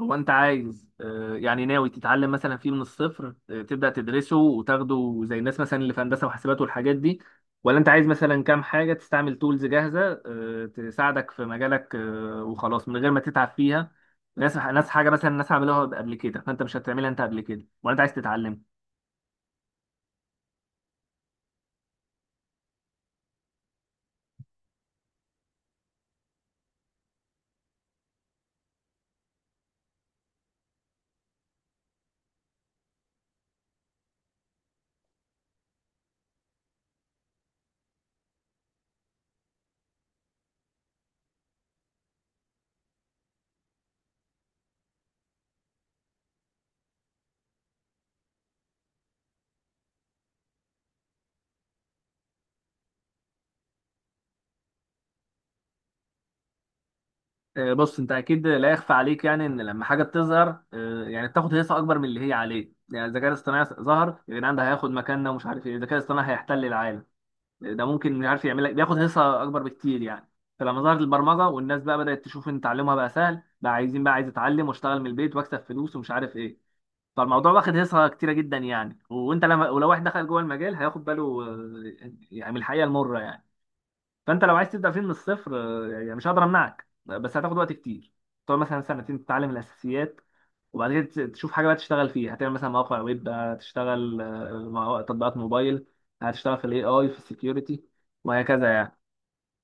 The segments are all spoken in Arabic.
هو انت عايز يعني ناوي تتعلم مثلا فيه من الصفر، تبدأ تدرسه وتاخده زي الناس مثلا اللي في هندسة وحاسبات والحاجات دي. ولا انت عايز مثلا كام حاجة تستعمل تولز جاهزة تساعدك في مجالك وخلاص من غير ما تتعب فيها. ناس حاجة مثلا الناس عملوها قبل كده فانت مش هتعملها انت قبل كده، ولا انت عايز تتعلم؟ بص، انت اكيد لا يخفى عليك يعني ان لما حاجة بتظهر يعني بتاخد هيصة اكبر من اللي هي عليه. يعني الذكاء الاصطناعي ظهر يبقى يعني ده هياخد مكاننا ومش عارف ايه، الذكاء الاصطناعي هيحتل العالم، ده ممكن مش عارف يعمل لك بياخد حصه اكبر بكتير يعني. فلما ظهرت البرمجه والناس بقى بدات تشوف ان تعلمها بقى سهل، بقى عايزين بقى عايز اتعلم واشتغل من البيت واكسب فلوس ومش عارف ايه. فالموضوع واخد حصه كتيره جدا يعني. وانت لما ولو واحد دخل جوه المجال هياخد باله يعني من الحقيقه المره يعني. فانت لو عايز تبدا فيه من الصفر يعني مش هقدر امنعك، بس هتاخد وقت كتير. تقعد مثلا سنتين تتعلم الاساسيات، وبعد كده تشوف حاجه بقى تشتغل فيها. هتعمل مثلا مواقع ويب، هتشتغل تطبيقات موبايل، هتشتغل في الاي اي، في السكيورتي، وهكذا يعني.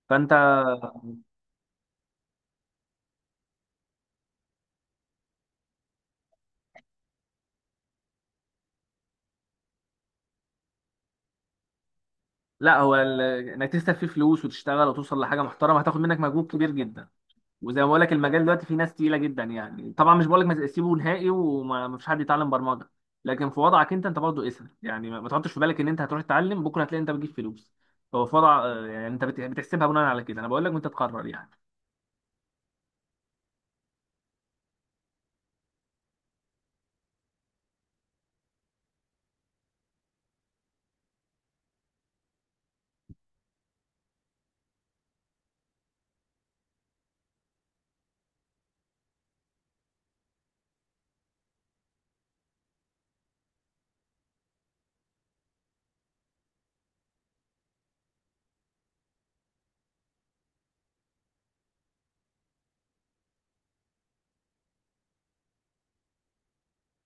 فانت لا هو ال- انك تكسب فيه فلوس وتشتغل وتوصل لحاجه محترمه هتاخد منك مجهود كبير جدا. وزي ما بقول لك المجال دلوقتي فيه ناس تقيله جدا يعني. طبعا مش بقول لك ما سيبه نهائي وما فيش حد يتعلم برمجه، لكن في وضعك انت، انت برضه اسهل يعني. ما تحطش في بالك ان انت هتروح تتعلم بكره هتلاقي انت بتجيب فلوس. هو في وضع يعني انت بتحسبها بناء على كده، انا بقول لك وانت تقرر يعني.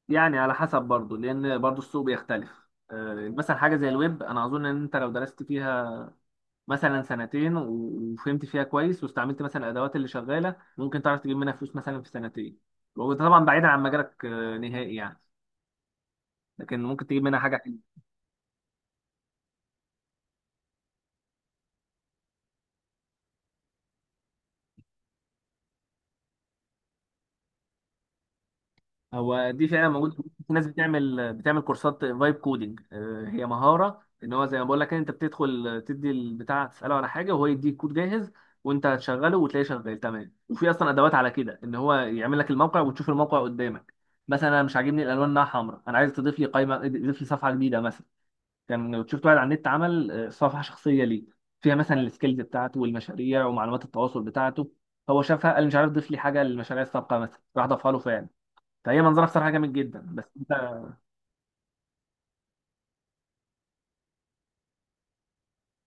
يعني على حسب برضه، لان برضه السوق بيختلف مثلا حاجه زي الويب انا اظن ان انت لو درست فيها مثلا سنتين وفهمت فيها كويس واستعملت مثلا الادوات اللي شغاله، ممكن تعرف تجيب منها فلوس مثلا في سنتين. وده طبعا بعيدا عن مجالك نهائي يعني، لكن ممكن تجيب منها حاجه. هو دي فعلا موجود. في ناس بتعمل كورسات فايب كودنج. هي مهاره، ان هو زي ما بقول لك انت بتدخل تدي البتاع تساله على حاجه وهو يديك كود جاهز، وانت هتشغله وتلاقيه شغال تمام. وفي اصلا ادوات على كده ان هو يعمل لك الموقع وتشوف الموقع قدامك. مثلا انا مش عاجبني الالوان انها حمراء، انا عايز تضيف لي قائمه، تضيف لي صفحه جديده مثلا. كان شفت واحد على النت عمل صفحه شخصيه ليه، فيها مثلا السكيلز بتاعته والمشاريع ومعلومات التواصل بتاعته. هو شافها قال مش عارف، ضيف لي حاجه للمشاريع السابقه مثلا، راح ضافها له فعلا. فهي منظره بصراحه جامد جدا، بس انت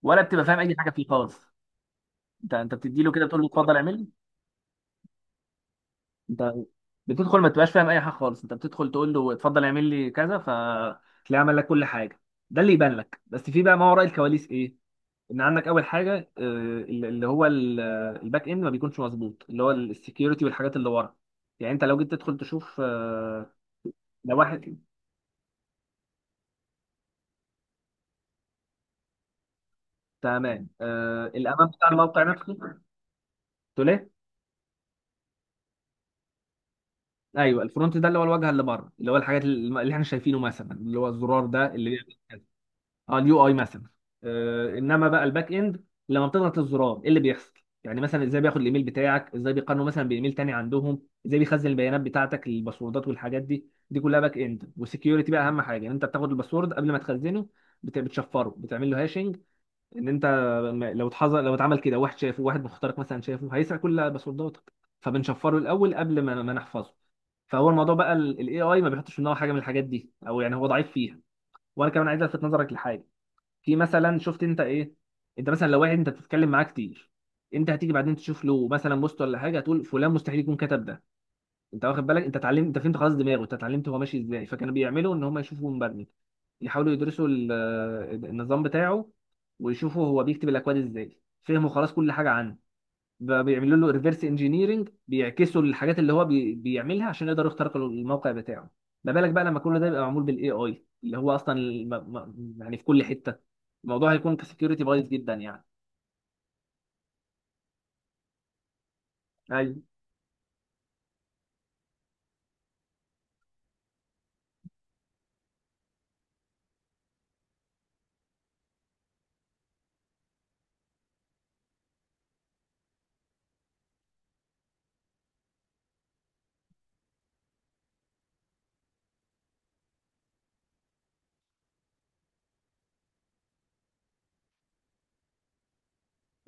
ولا بتبقى فاهم اي حاجه فيه خالص. انت بتدي له كده تقول له اتفضل اعمل لي. انت بتدخل ما تبقاش فاهم اي حاجه خالص، انت بتدخل تقول له اتفضل اعمل لي كذا، فتلاقيه عمل لك كل حاجه. ده اللي يبان لك، بس في بقى ما وراء الكواليس ايه. ان عندك اول حاجه، آه، اللي هو ال- الباك اند ما بيكونش مظبوط، اللي هو السكيورتي والحاجات اللي ورا. يعني انت لو جيت تدخل تشوف لو واحد، تمام. الامان بتاع الموقع نفسه. تقول ايه؟ ايوه، الفرونت ده اللي هو الواجهه اللي بره، اللي هو الحاجات اللي احنا شايفينه، مثلا اللي هو الزرار ده اللي بيعمل كذا. اه، اليو اي مثلا. آه، انما بقى الباك اند، لما بتضغط الزرار ايه اللي بيحصل؟ يعني مثلا ازاي بياخد الايميل بتاعك، ازاي بيقارنه مثلا بايميل تاني عندهم، ازاي بيخزن البيانات بتاعتك الباسوردات والحاجات دي كلها باك اند. والسكيورتي بقى اهم حاجه يعني، انت بتاخد الباسورد قبل ما تخزنه بتشفره، بتعمل له هاشنج. ان انت لو اتحظر، لو اتعمل كده واحد شافه، واحد مخترق مثلا شافه، هيسرق كل باسورداتك، فبنشفره الاول قبل ما نحفظه. فهو الموضوع بقى الاي اي ما بيحطش في دماغه حاجه من الحاجات دي، او يعني هو ضعيف فيها. وانا كمان عايز الفت نظرك لحاجه. في مثلا شفت انت ايه، انت مثلا لو واحد انت بتتكلم معاه كتير، انت هتيجي بعدين تشوف له مثلا بوست ولا حاجه، هتقول فلان مستحيل يكون كتب ده. انت واخد بالك؟ انت اتعلمت، انت فهمت خلاص دماغه، انت اتعلمت هو ماشي ازاي. فكانوا بيعملوا ان هم يشوفوا مبرمج، يحاولوا يدرسوا النظام بتاعه، ويشوفوا هو بيكتب الاكواد ازاي، فهموا خلاص كل حاجه عنه، بقى بيعملوا له ريفرس انجينيرنج، بيعكسوا الحاجات اللي هو بيعملها عشان يقدروا يخترقوا الموقع بتاعه. ما بالك بقى لما كل ده يبقى معمول بالاي اي اللي هو اصلا يعني في كل حته، الموضوع هيكون كسكيورتي بايظ جدا يعني. ايوه،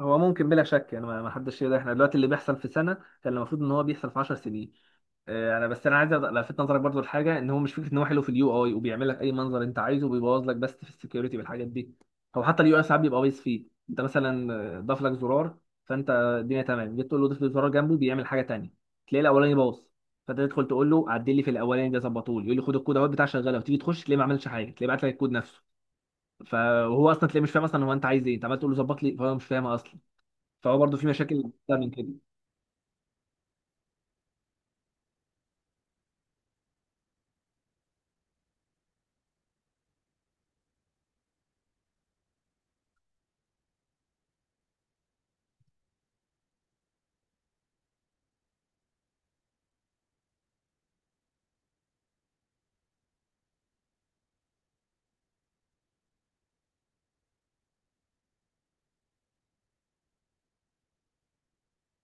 هو ممكن بلا شك يعني. ما حدش يقدر، احنا دلوقتي اللي بيحصل في سنه كان المفروض ان هو بيحصل في 10 سنين. انا بس عايز الفت نظرك برضو لحاجه. ان هو مش فكره ان هو حلو في اليو اي وبيعمل لك اي منظر انت عايزه وبيبوظ لك بس في السكيورتي بالحاجات دي. هو حتى اليو اي ساعات بيبقى بايظ فيه. انت مثلا ضاف لك زرار، فانت الدنيا تمام، جيت تقول له ضيف لي زرار جنبه بيعمل حاجه تانيه، تلاقي الاولاني باظ. فانت تدخل تقول له عدل لي في الاولاني ده، ظبطه لي، يقول لي خد الكود اهوت بتاع شغاله، وتيجي تخش تلاقيه ما عملش حاجه، تلاقيه بعت لك الكود نفسه. فهو اصلا تلاقيه مش فاهم اصلا هو انت عايز ايه، انت عمال تقول له ظبط لي فهو مش فاهم اصلا. فهو برضو في مشاكل اكتر من كده.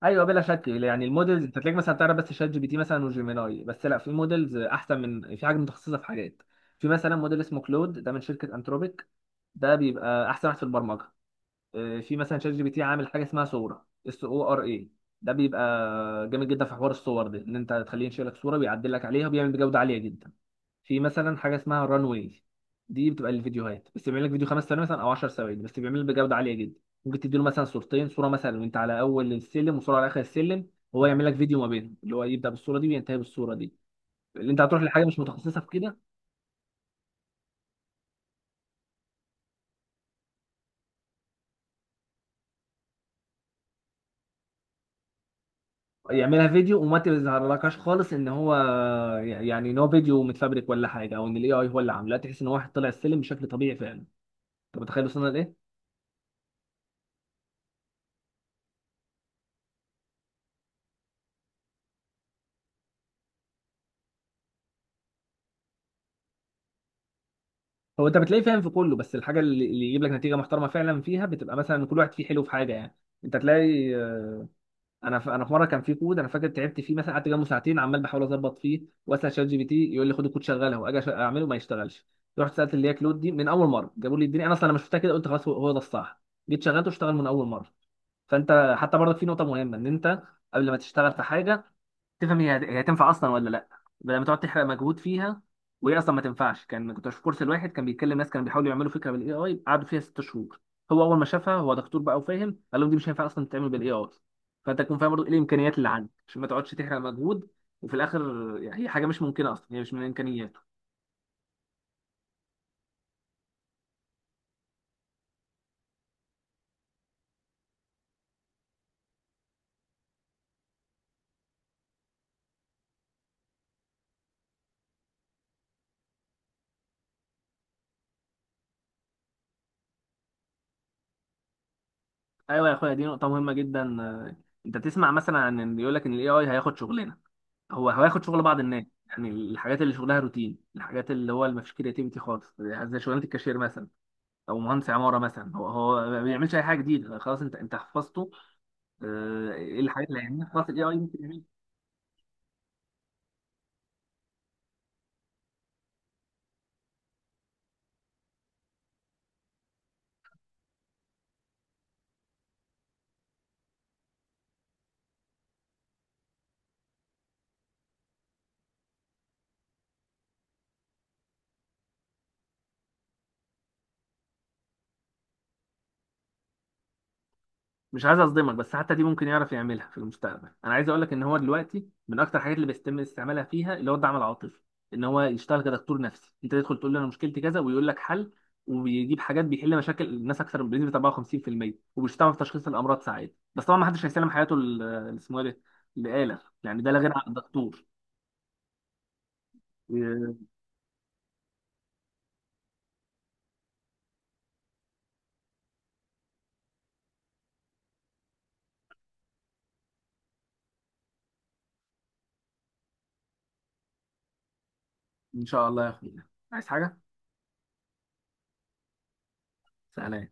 ايوه بلا شك يعني. المودلز انت تلاقيك مثلا تعرف بس شات جي بي تي مثلا وجيميناي بس، لا في مودلز احسن، من في حاجه متخصصه في حاجات. في مثلا موديل اسمه كلود، ده من شركه انتروبيك، ده بيبقى احسن واحد في البرمجه. في مثلا شات جي بي تي عامل حاجه اسمها صوره اس او ار اي، ده بيبقى جامد جدا في حوار الصور ده، ان انت تخليه ينشئ لك صوره ويعدل لك عليها، وبيعمل بجوده عاليه جدا. في مثلا حاجه اسمها ران واي، دي بتبقى للفيديوهات، بس بيعمل لك فيديو 5 ثواني مثلا او 10 ثواني، بس بيعمل بجوده عاليه جدا. ممكن تديله مثلا صورتين، صوره مثلا وانت على اول السلم وصوره على اخر السلم، وهو يعمل لك فيديو ما بينهم، اللي هو يبدا بالصوره دي وينتهي بالصوره دي. اللي انت هتروح لحاجه مش متخصصه في كده، يعملها فيديو وما تظهرلكش خالص ان هو يعني ان هو فيديو متفبرك ولا حاجه، او ان الاي اي هو اللي عامله. لا، تحس ان واحد طلع السلم بشكل طبيعي فعلا. انت متخيل وصلنا لايه؟ هو انت بتلاقيه فاهم في كله، بس الحاجه اللي يجيب لك نتيجه محترمه فعلا فيها بتبقى مثلا، كل واحد فيه حلو في حاجه يعني. انت تلاقي انا في مره كان في كود انا فاكر تعبت فيه. مثلا قعدت جنبه ساعتين عمال بحاول اظبط فيه واسال شات جي بي تي، يقول لي خد الكود شغله، واجي اعمله ما يشتغلش. رحت سالت اللي هي كلود دي، من اول مره جابوا لي الدنيا، انا اصلا لما شفتها كده قلت خلاص هو هو ده الصح، جيت شغلته اشتغل من اول مره. فانت حتى برضك في نقطه مهمه، ان انت قبل ما تشتغل في حاجه تفهم هي هي هتنفع اصلا ولا لا، لما تقعد تحرق مجهود فيها وهي اصلا ما تنفعش. كان كنت في كورس، الواحد كان بيتكلم، ناس كانوا بيحاولوا يعملوا فكره بالاي اي قعدوا فيها 6 شهور، هو اول ما شافها هو دكتور بقى وفاهم، قال لهم دي مش هينفع اصلا تتعمل بالاي اي. فانت تكون فاهم برضه ايه الامكانيات اللي عندك عشان ما تقعدش تحرق مجهود وفي الاخر يعني هي حاجه مش ممكنه اصلا، هي مش من امكانياته. ايوه يا اخويا، دي نقطه مهمه جدا. انت تسمع مثلا عن إن يقول لك ان الاي اي هياخد شغلنا. هو هياخد شغل بعض الناس، يعني الحاجات اللي شغلها روتين، الحاجات اللي هو اللي ما فيش كرياتيفيتي خالص، زي شغلانه الكاشير مثلا، او مهندس عماره مثلا، هو هو ما بيعملش اي حاجه جديده خلاص، انت انت حفظته. ايه الحاجات اللي هيعملها، خلاص الاي اي ممكن يعملها. مش عايز اصدمك، بس حتى دي ممكن يعرف يعملها في المستقبل. انا عايز اقول لك ان هو دلوقتي من اكتر الحاجات اللي بيتم استعمالها فيها اللي هو الدعم العاطفي، ان هو يشتغل كدكتور نفسي. انت تدخل تقول له انا مشكلتي كذا ويقول لك حل، وبيجيب حاجات بيحل مشاكل الناس اكثر من بنسبه 54%، وبيشتغل في تشخيص الامراض ساعات. بس طبعا ما حدش هيسلم حياته اللي اسمه ايه، ده لآلة يعني، ده لا غير عن الدكتور. آه، ان شاء الله يا اخويا، عايز حاجه؟ سلام.